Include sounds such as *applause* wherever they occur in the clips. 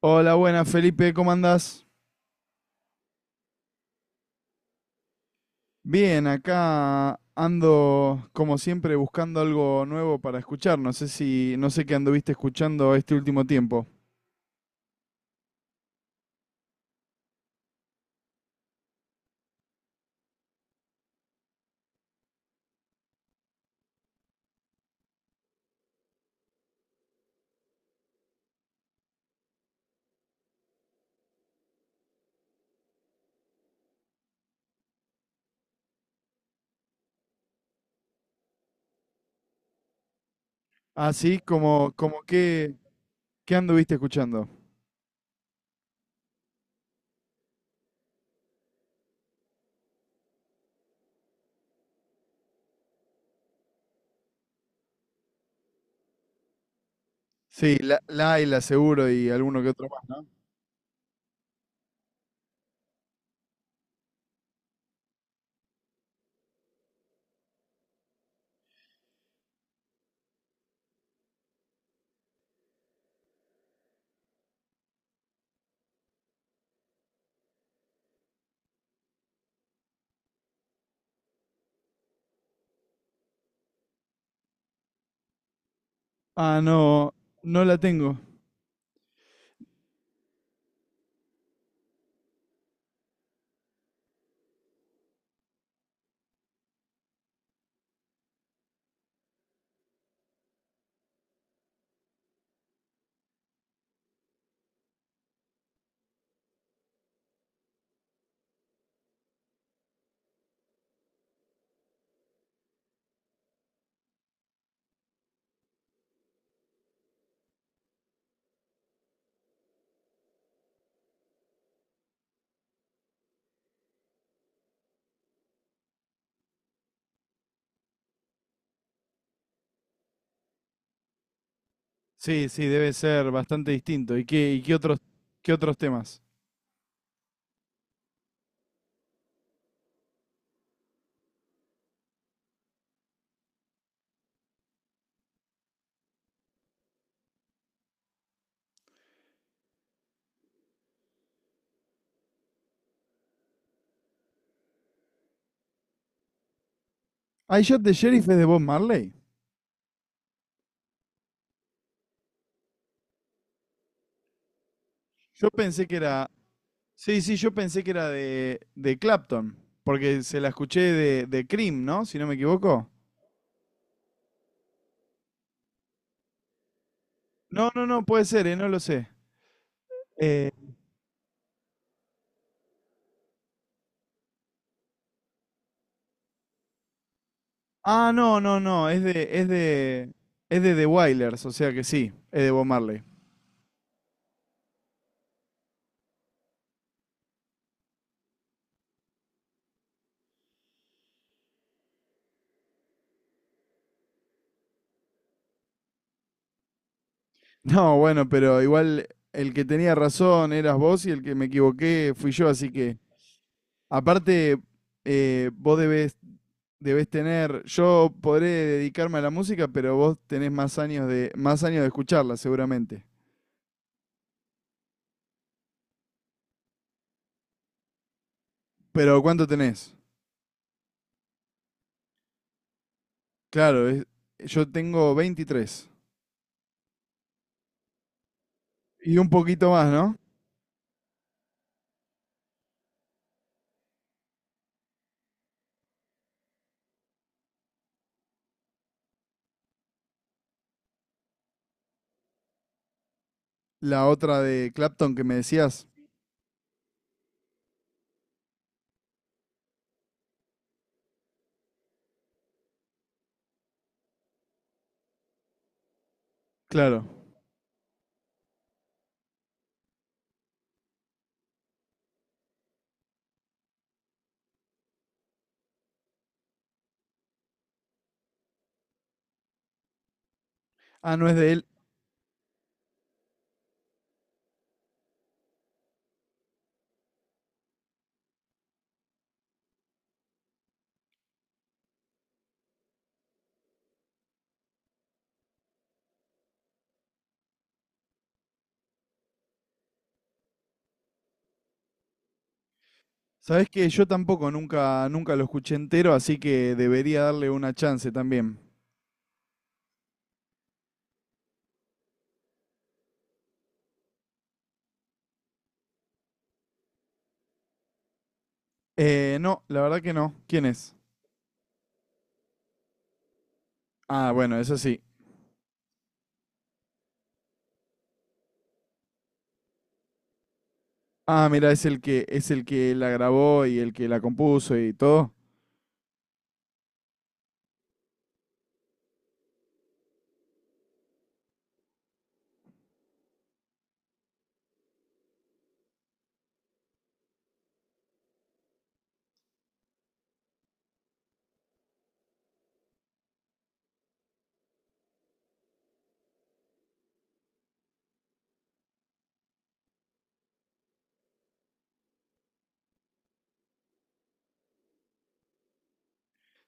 Hola, buenas Felipe, ¿cómo andás? Bien, acá ando como siempre buscando algo nuevo para escuchar. No sé qué anduviste escuchando este último tiempo. Ah, sí, como qué, qué anduviste escuchando. Sí, la Ayla seguro y alguno que otro más, ¿no? Ah, no, no la tengo. Sí, sí, debe ser bastante distinto. Y qué otros temas? I Shot the Sheriff es de Bob Marley. Yo pensé que era. Sí, sí, yo pensé que era de Clapton, porque se la escuché de Cream, ¿no? Si no me equivoco. No, no, no, puede ser, no lo sé. Eh, no, no, no, es de The Wailers, o sea que sí, es de Bob Marley. No, bueno, pero igual el que tenía razón eras vos y el que me equivoqué fui yo, así que aparte vos debes debés tener, yo podré dedicarme a la música, pero vos tenés más años más años de escucharla, seguramente. Pero ¿cuánto tenés? Claro, es- yo tengo 23. Y un poquito más, ¿no? La otra de Clapton que me decías. Claro. Ah, no es de él. Sabés que yo tampoco nunca, nunca lo escuché entero, así que debería darle una chance también. No, la verdad que no. ¿Quién es? Ah, bueno, eso sí. Ah, mira, es el que la grabó y el que la compuso y todo.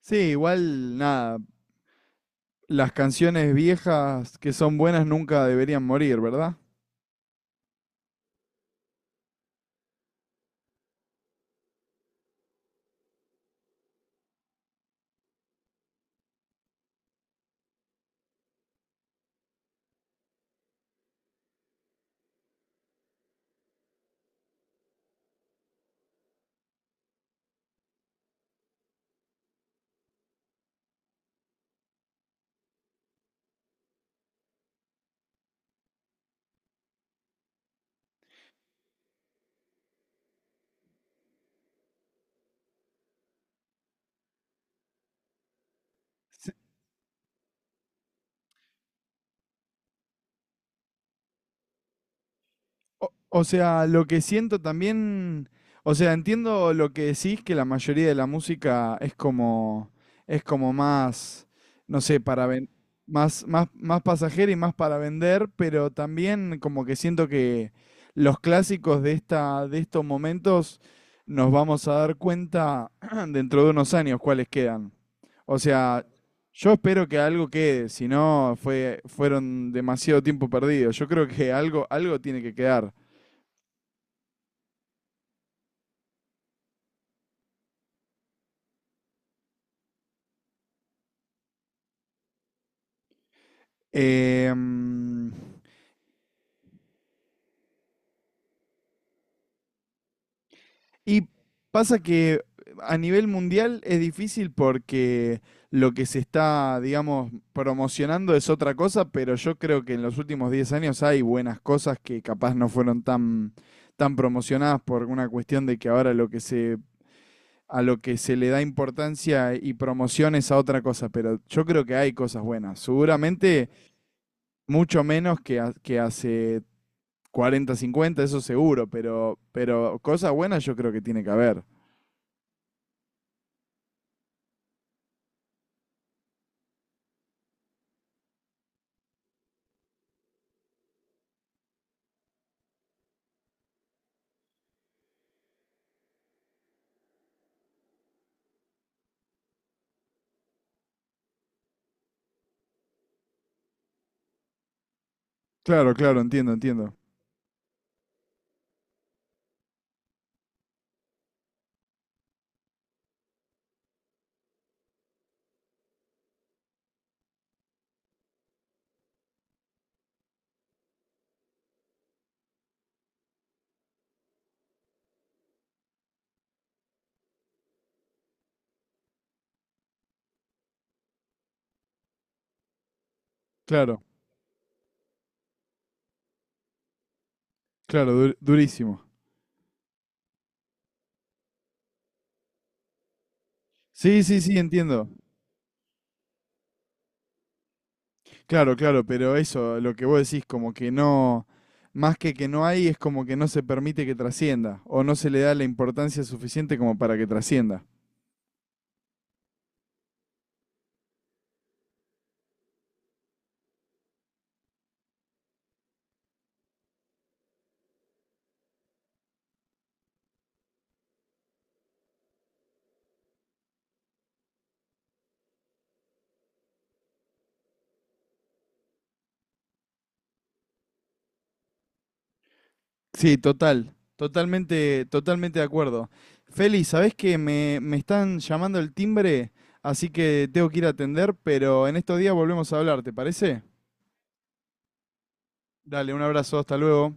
Sí, igual, nada. Las canciones viejas que son buenas nunca deberían morir, ¿verdad? Sí, o sea, lo que siento también, o sea, entiendo lo que decís, que la mayoría de la música es como más, no sé, más, más, más pasajera y más para vender, pero también como que siento que los clásicos de estos momentos nos vamos a dar cuenta *clears throat* dentro de unos años cuáles quedan. O sea, yo espero que algo quede, si no fue, fueron demasiado tiempo perdido. Yo creo que algo, algo tiene que quedar. Em, y pasa que a nivel mundial es difícil porque lo que se está, digamos, promocionando es otra cosa, pero yo creo que en los últimos 10 años hay buenas cosas que capaz no fueron tan, tan promocionadas por una cuestión de que ahora lo que se, a lo que se le da importancia y promoción es a otra cosa, pero yo creo que hay cosas buenas. Seguramente mucho menos que, que hace 40, 50 eso seguro, pero cosas buenas yo creo que tiene que haber. Claro, claro, entiendo, entiendo. Claro, claro, durísimo. Sí, sí, sí, entiendo. Claro, claro, pero eso, lo que vos decís, como que no, más que no hay, es como que no se permite que trascienda, o no se le da la importancia suficiente como para que trascienda. Sí, total, totalmente, totalmente de acuerdo. Feli, ¿sabés que me están llamando el timbre? Así que tengo que ir a atender, pero en estos días volvemos a hablar, ¿te parece? Dale, un abrazo, hasta luego.